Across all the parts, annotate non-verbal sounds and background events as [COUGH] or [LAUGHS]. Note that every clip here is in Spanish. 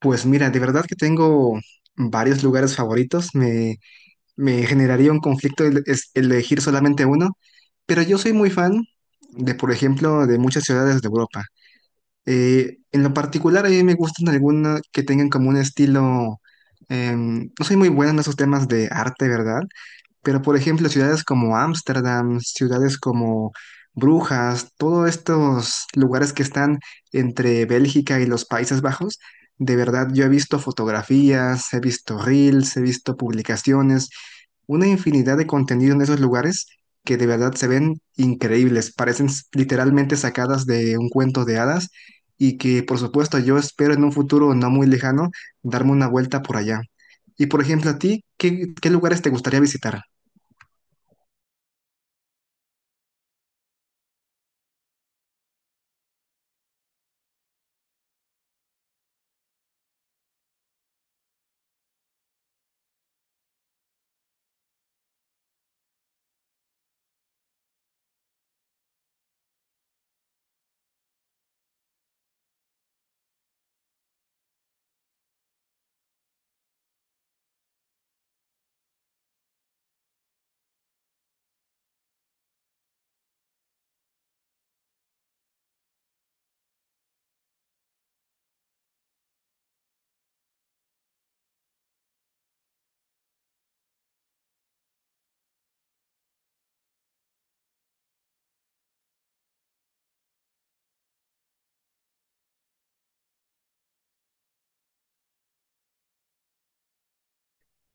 Pues mira, de verdad que tengo varios lugares favoritos. Me generaría un conflicto elegir solamente uno, pero yo soy muy fan de, por ejemplo, de muchas ciudades de Europa. En lo particular, a mí me gustan algunas que tengan como un estilo. No soy muy buena en esos temas de arte, ¿verdad? Pero, por ejemplo, ciudades como Ámsterdam, ciudades como Brujas, todos estos lugares que están entre Bélgica y los Países Bajos, de verdad yo he visto fotografías, he visto reels, he visto publicaciones, una infinidad de contenido en esos lugares que de verdad se ven increíbles, parecen literalmente sacadas de un cuento de hadas y que, por supuesto, yo espero en un futuro no muy lejano darme una vuelta por allá. Y, por ejemplo, a ti, ¿qué lugares te gustaría visitar?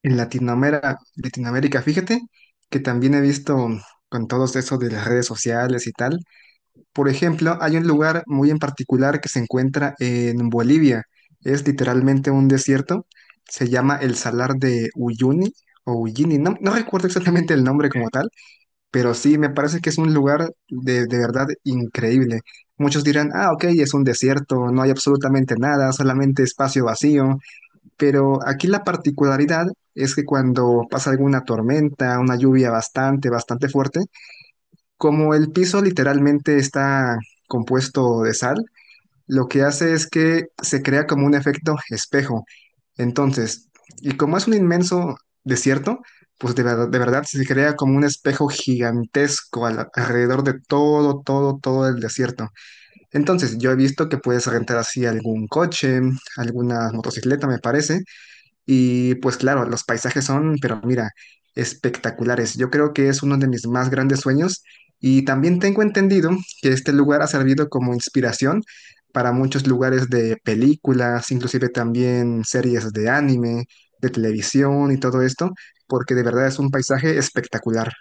En Latinoamérica, Latinoamérica, fíjate que también he visto con todos eso de las redes sociales y tal. Por ejemplo, hay un lugar muy en particular que se encuentra en Bolivia. Es literalmente un desierto. Se llama el Salar de Uyuni o Uyuni. No recuerdo exactamente el nombre como tal. Pero sí, me parece que es un lugar de verdad increíble. Muchos dirán, ah, ok, es un desierto, no hay absolutamente nada, solamente espacio vacío. Pero aquí la particularidad es que cuando pasa alguna tormenta, una lluvia bastante, bastante fuerte, como el piso literalmente está compuesto de sal, lo que hace es que se crea como un efecto espejo. Entonces, y como es un inmenso desierto, pues de verdad se crea como un espejo gigantesco alrededor de todo, todo, todo el desierto. Entonces, yo he visto que puedes rentar así algún coche, alguna motocicleta, me parece, y pues claro, los paisajes son, pero mira, espectaculares. Yo creo que es uno de mis más grandes sueños y también tengo entendido que este lugar ha servido como inspiración para muchos lugares de películas, inclusive también series de anime, de televisión y todo esto, porque de verdad es un paisaje espectacular.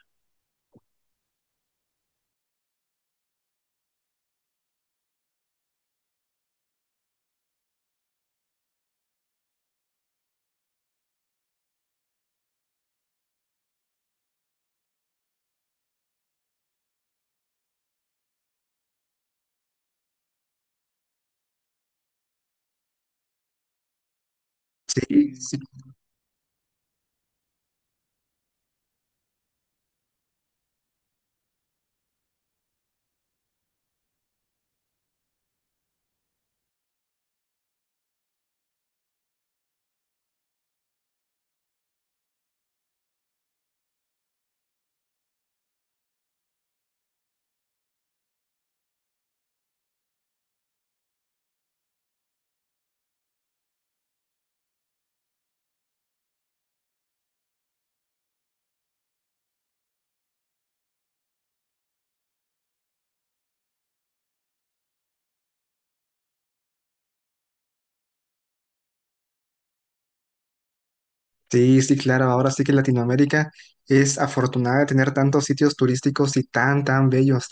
Sí. Sí, sí, claro, ahora sí que Latinoamérica es afortunada de tener tantos sitios turísticos y tan, tan bellos.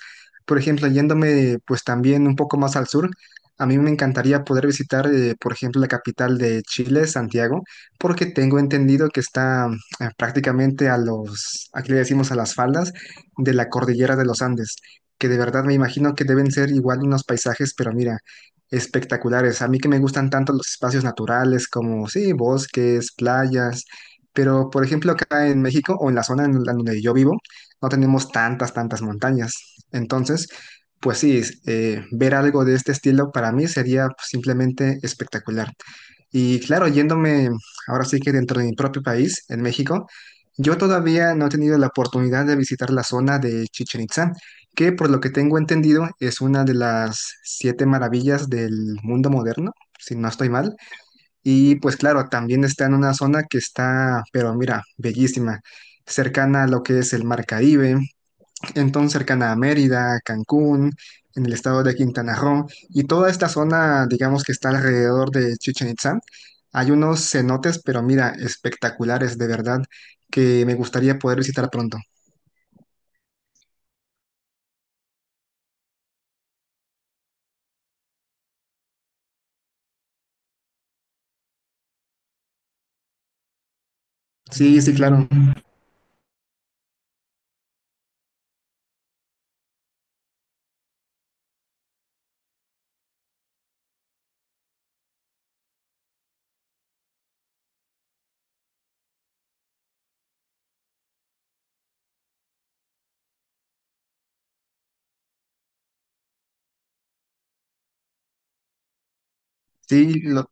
Por ejemplo, yéndome pues también un poco más al sur, a mí me encantaría poder visitar, por ejemplo, la capital de Chile, Santiago, porque tengo entendido que está prácticamente a los, aquí le decimos a las faldas de la cordillera de los Andes, que de verdad me imagino que deben ser igual unos paisajes, pero mira, espectaculares. A mí que me gustan tanto los espacios naturales como, sí, bosques, playas. Pero, por ejemplo, acá en México o en la zona en la donde yo vivo, no tenemos tantas, tantas montañas. Entonces, pues sí, es, ver algo de este estilo para mí sería pues, simplemente espectacular. Y claro, yéndome ahora sí que dentro de mi propio país, en México, yo todavía no he tenido la oportunidad de visitar la zona de Chichen Itza, que por lo que tengo entendido es una de las siete maravillas del mundo moderno, si no estoy mal. Y pues claro, también está en una zona que está, pero mira, bellísima, cercana a lo que es el Mar Caribe, entonces cercana a Mérida, Cancún, en el estado de Quintana Roo, y toda esta zona, digamos que está alrededor de Chichen Itzá, hay unos cenotes, pero mira, espectaculares de verdad, que me gustaría poder visitar pronto. Sí, sí, claro. Mm. Sí, lo-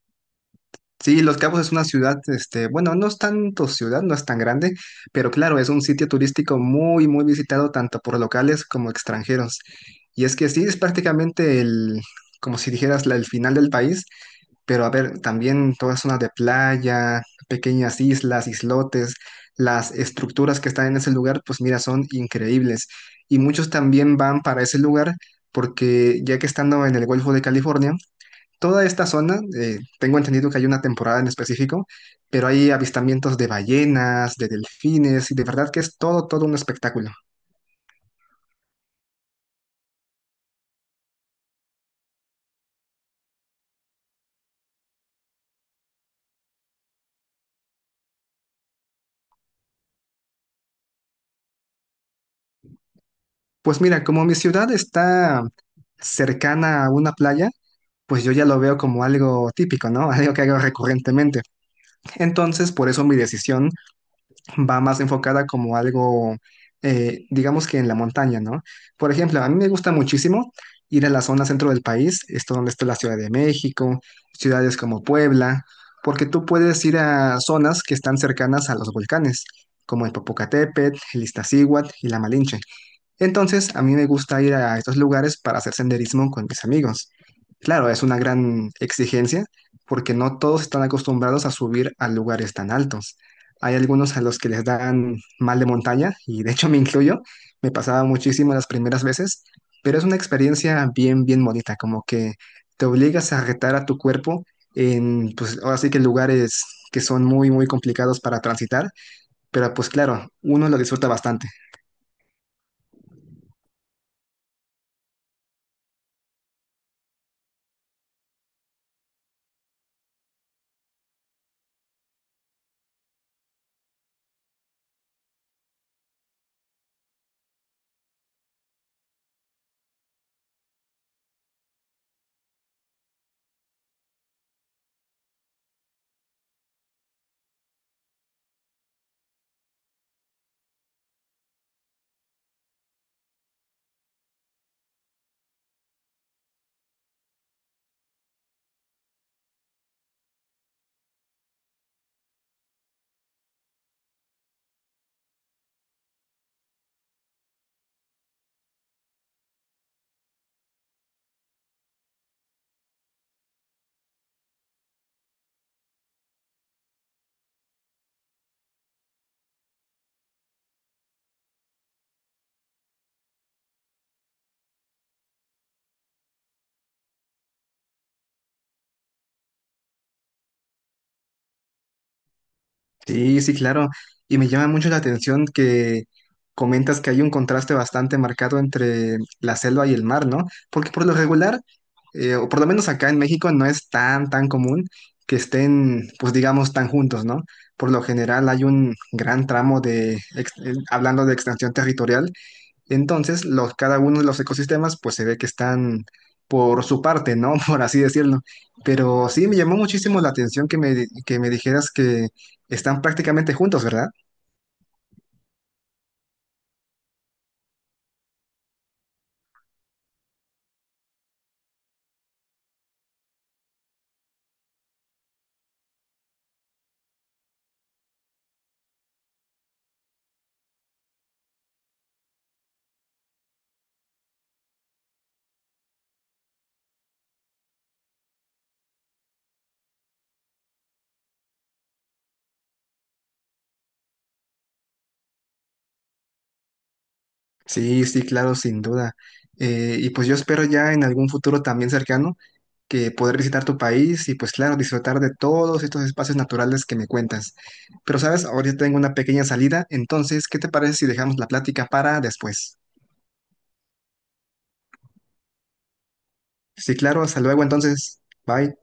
Sí, Los Cabos es una ciudad, este, bueno, no es tanto ciudad, no es tan grande, pero claro, es un sitio turístico muy, muy visitado tanto por locales como extranjeros. Y es que sí, es prácticamente el, como si dijeras, el final del país, pero a ver, también toda zona de playa, pequeñas islas, islotes, las estructuras que están en ese lugar, pues mira, son increíbles. Y muchos también van para ese lugar porque ya que estando en el Golfo de California, toda esta zona, tengo entendido que hay una temporada en específico, pero hay avistamientos de ballenas, de delfines, y de verdad que es todo, todo un espectáculo. Pues mira, como mi ciudad está cercana a una playa, pues yo ya lo veo como algo típico, ¿no? [LAUGHS] Algo que hago recurrentemente. Entonces, por eso mi decisión va más enfocada como algo, digamos que en la montaña, ¿no? Por ejemplo, a mí me gusta muchísimo ir a la zona centro del país, esto donde está la Ciudad de México, ciudades como Puebla, porque tú puedes ir a zonas que están cercanas a los volcanes, como el Popocatépetl, el Iztaccíhuatl y la Malinche. Entonces, a mí me gusta ir a estos lugares para hacer senderismo con mis amigos. Claro, es una gran exigencia porque no todos están acostumbrados a subir a lugares tan altos. Hay algunos a los que les dan mal de montaña y de hecho me incluyo, me pasaba muchísimo las primeras veces, pero es una experiencia bien, bien bonita, como que te obligas a retar a tu cuerpo en, pues ahora sí que lugares que son muy, muy complicados para transitar, pero pues claro, uno lo disfruta bastante. Sí, sí, claro. Y me llama mucho la atención que comentas que hay un contraste bastante marcado entre la selva y el mar, ¿no? Porque por lo regular, o por lo menos acá en México, no es tan, tan común que estén, pues digamos, tan juntos, ¿no? Por lo general hay un gran tramo de, hablando de extensión territorial, entonces, los, cada uno de los ecosistemas, pues se ve que están por su parte, ¿no? [LAUGHS] Por así decirlo. Pero sí, me llamó muchísimo la atención que que me dijeras que están prácticamente juntos, ¿verdad? Sí, sí, claro, sin duda. Y pues yo espero ya en algún futuro también cercano que poder visitar tu país y pues claro, disfrutar de todos estos espacios naturales que me cuentas. Pero sabes, ahorita tengo una pequeña salida, entonces, ¿qué te parece si dejamos la plática para después? Sí, claro, hasta luego entonces. Bye.